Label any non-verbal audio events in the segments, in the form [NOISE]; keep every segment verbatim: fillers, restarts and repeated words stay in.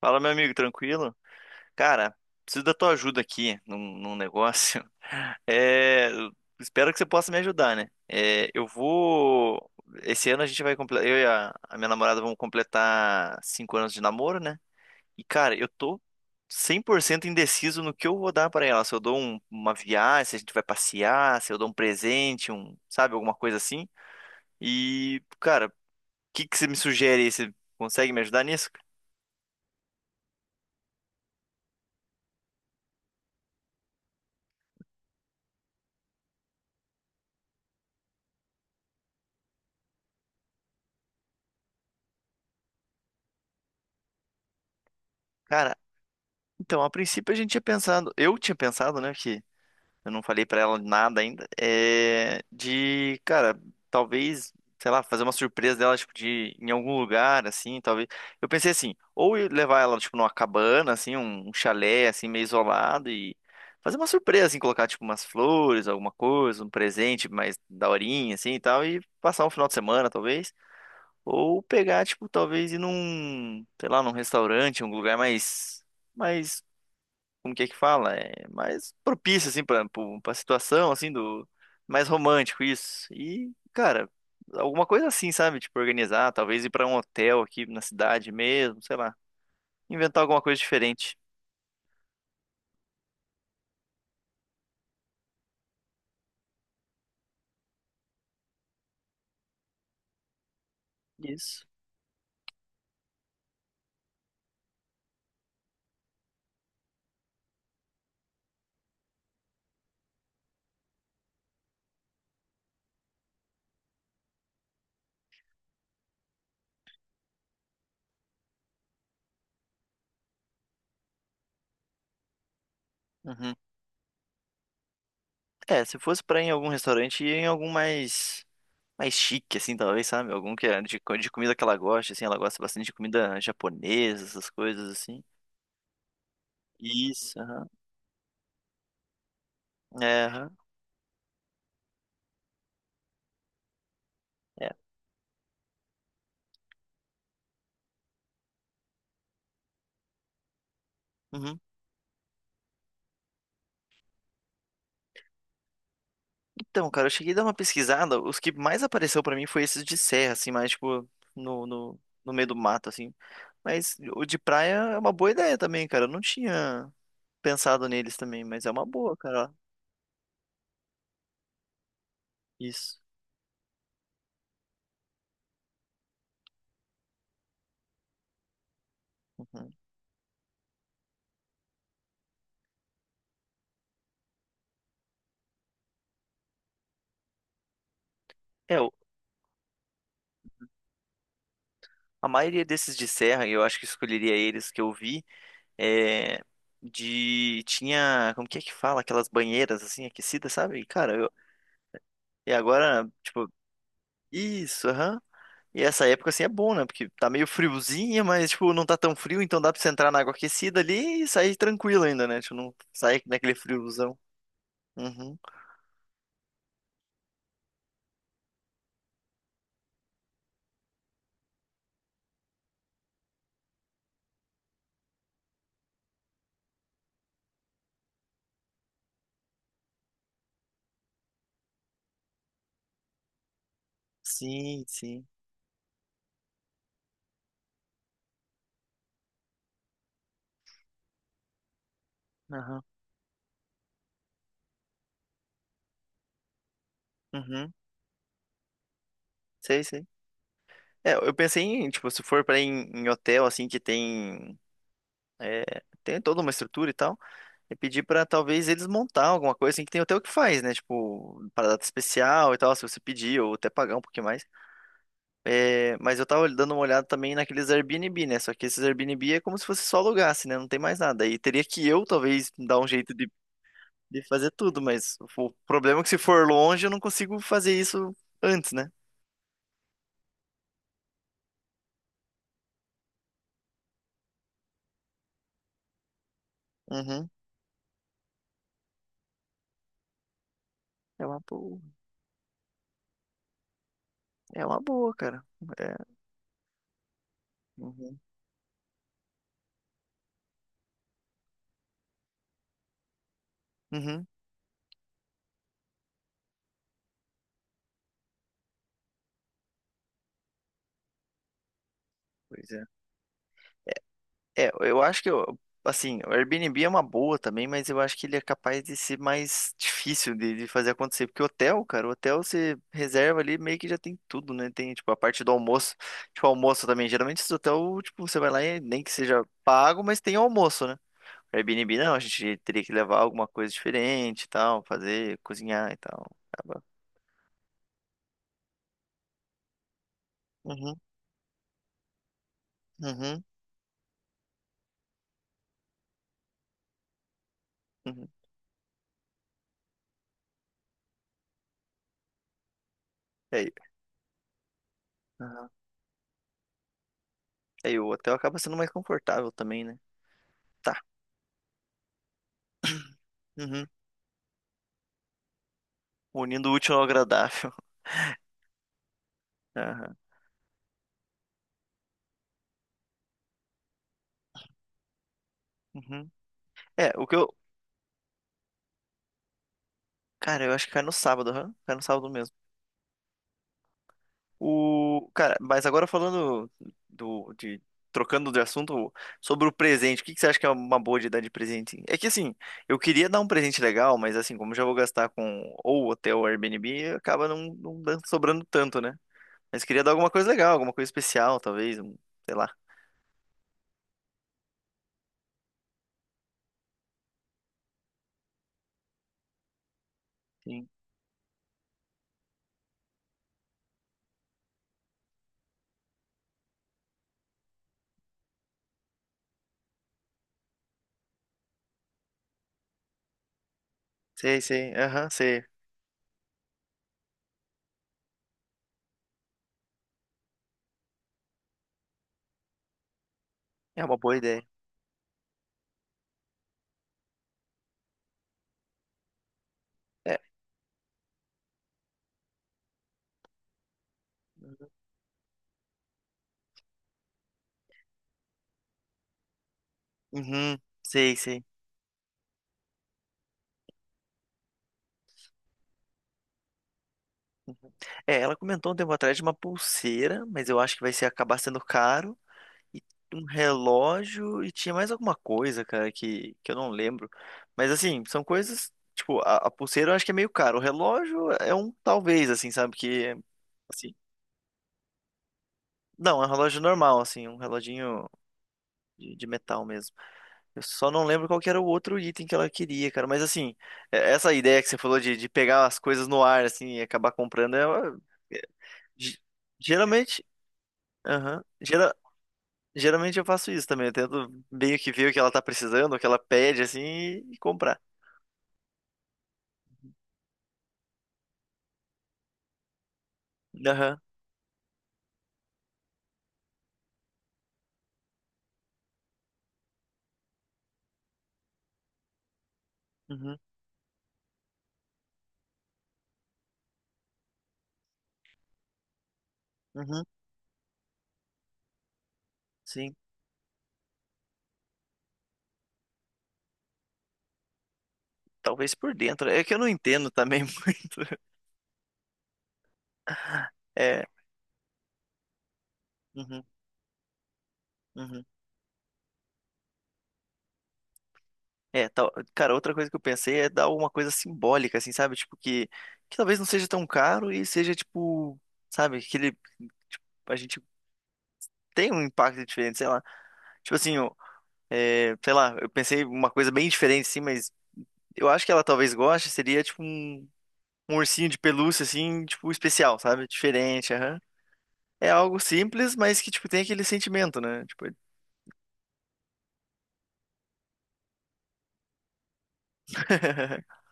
Fala, meu amigo, tranquilo? Cara, preciso da tua ajuda aqui num, num negócio. [LAUGHS] É, espero que você possa me ajudar, né? É, eu vou. Esse ano a gente vai completar. Eu e a, a minha namorada vamos completar cinco anos de namoro, né? E, cara, eu tô cem por cento indeciso no que eu vou dar pra ela. Se eu dou um- uma viagem, se a gente vai passear, se eu dou um presente, um, sabe, alguma coisa assim. E, cara, o que que você me sugere aí? Você consegue me ajudar nisso? Cara, então, a princípio a gente tinha pensado, eu tinha pensado, né, que eu não falei pra ela nada ainda, é de, cara, talvez, sei lá, fazer uma surpresa dela, tipo, de em algum lugar, assim, talvez. Eu pensei assim, ou eu levar ela, tipo, numa cabana, assim, um, um chalé, assim, meio isolado e fazer uma surpresa, assim, colocar, tipo, umas flores, alguma coisa, um presente mais daorinha, assim, e tal, e passar um final de semana, talvez. Ou pegar, tipo, talvez ir num, sei lá, num restaurante, um lugar mais mais como que é que fala? É mais propício, assim, pra, pro- pra situação, assim, do... Mais romântico isso. E, cara, alguma coisa assim, sabe? Tipo, organizar, talvez ir pra um hotel aqui na cidade mesmo, sei lá. Inventar alguma coisa diferente. Isso. Uhum. É, se fosse pra ir em algum restaurante, ia em algum mais... Mais chique, assim, talvez, sabe? Algum que é de, co- de comida que ela gosta, assim. Ela gosta bastante de comida japonesa, essas coisas, assim. Isso, aham. É, aham. É. Uhum. Então, cara, eu cheguei a dar uma pesquisada, os que mais apareceu pra mim foi esses de serra, assim, mais tipo no, no, no meio do mato, assim. Mas o de praia é uma boa ideia também, cara. Eu não tinha pensado neles também, mas é uma boa, cara. Isso. Uhum. É, o- a maioria desses de serra, eu acho que escolheria eles que eu vi, é de tinha, como que é que fala, aquelas banheiras assim aquecidas, sabe? E, cara, eu, e agora, tipo, isso, aham. E essa época, assim, é bom, né? Porque tá meio friozinha, mas, tipo, não tá tão frio, então dá pra você entrar na água aquecida ali e sair tranquilo ainda, né? Tipo, não sair naquele friozão. Uhum. Sim, sim. Aham. Uhum. Sei, sei. É, eu pensei em, tipo, se for pra ir em, em hotel, assim, que tem... é, tem toda uma estrutura e tal, e pedir pra talvez eles montar alguma coisa, assim, que tem hotel que faz, né? Tipo, para data especial e tal, se você pedir, ou até pagar um pouquinho mais. É, mas eu tava dando uma olhada também naqueles Airbnb, né? Só que esses Airbnb é como se fosse só alugasse, né? Não tem mais nada. Aí teria que eu, talvez, dar um jeito de, de fazer tudo, mas o problema é que se for longe, eu não consigo fazer isso antes, né? Uhum. É uma boa. É uma boa, cara. É. Uhum. Uhum. Pois é. É, eu acho que, eu- assim, o Airbnb é uma boa também, mas eu acho que ele é capaz de ser mais difícil de, de fazer acontecer. Porque hotel, cara, o hotel você reserva ali, meio que já tem tudo, né? Tem, tipo, a parte do almoço. Tipo, almoço também. Geralmente esse hotel, tipo, você vai lá e nem que seja pago, mas tem almoço, né? Airbnb não, a gente teria que levar alguma coisa diferente e tal, fazer, cozinhar e tal. Acaba. Uhum, uhum, uhum. E aí, aham. E aí o hotel acaba sendo mais confortável também, né? Tá. [CLEARS THROAT] Uhum. Unindo o útil ao agradável. [LAUGHS] Aham. Uhum. É, o que eu. Cara, eu acho que cai no sábado, aham. Cai no sábado mesmo. O. Cara, mas agora falando do. De... trocando de assunto sobre o presente, o que que você acha que é uma boa de dar de presente? É que assim, eu queria dar um presente legal, mas assim, como eu já vou gastar com ou hotel ou Airbnb, acaba não, não dan- sobrando tanto, né? Mas queria dar alguma coisa legal, alguma coisa especial, talvez, um, sei lá. Sim. Sei, sei, aham, sei. É uma boa ideia. É. Uhum, sei, sei. Uhum. É, ela comentou um tempo atrás de uma pulseira, mas eu acho que vai ser acabar sendo caro. E um relógio e tinha mais alguma coisa, cara, que, que eu não lembro. Mas assim, são coisas. Tipo, a, a pulseira eu acho que é meio caro. O relógio é um talvez, assim, sabe? Que. Assim, não, é um relógio normal, assim, um reloginho de, de metal mesmo. Eu só não lembro qual que era o outro item que ela queria, cara. Mas assim, é- essa ideia que você falou de, de pegar as coisas no ar, assim, e acabar comprando, é, uma- Ge- Geralmente. Aham. Gera- geralmente eu faço isso também. Eu tento meio que ver o que ela tá precisando, o que ela pede, assim, e, e comprar. Aham. Uhum. Uhum. Sim. Talvez por dentro. É que eu não entendo também [LAUGHS] muito. É. Uhum. Uhum. É, tal... cara, outra coisa que eu pensei é dar alguma coisa simbólica, assim, sabe? Tipo, que, que talvez não seja tão caro e seja, tipo, sabe, aquele. Tipo, a gente tem um impacto diferente, sei lá. Tipo assim, ó, é, sei lá, eu pensei uma coisa bem diferente, assim, mas. Eu acho que ela talvez goste, seria tipo um um ursinho de pelúcia, assim, tipo, especial, sabe? Diferente, aham. É algo simples, mas que, tipo, tem aquele sentimento, né? Tipo, [LAUGHS]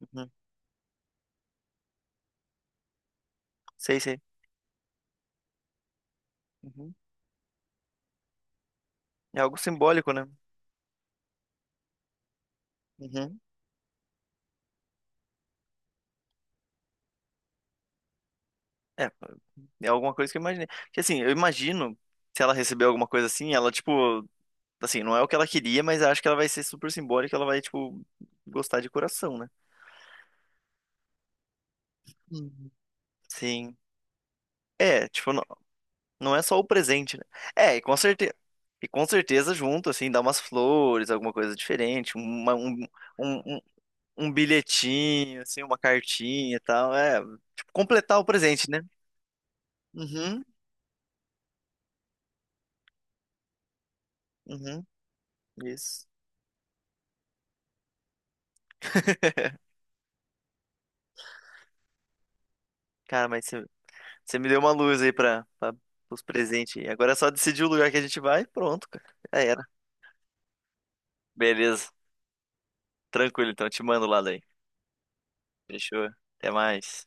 Uhum. Sei, sei. Uhum. É algo simbólico, né? Uhum. É, é alguma coisa que eu imaginei. Porque, assim, eu imagino, se ela receber alguma coisa assim, ela, tipo, assim, não é o que ela queria, mas acho que ela vai ser super simbólica, ela vai, tipo, gostar de coração, né? Uhum. Sim. É, tipo, não é só o presente, né? É, e com certeza. E com certeza junto, assim, dá umas flores, alguma coisa diferente, uma- um, um, um, um bilhetinho, assim, uma cartinha e tal. É, tipo, completar o presente, né? Uhum, uhum, isso. Cara, mas você você me deu uma luz aí para os presentes. Aí. Agora é só decidir o lugar que a gente vai e pronto, cara. Já era. Beleza. Tranquilo, então. Te mando lá daí. Fechou. Até mais.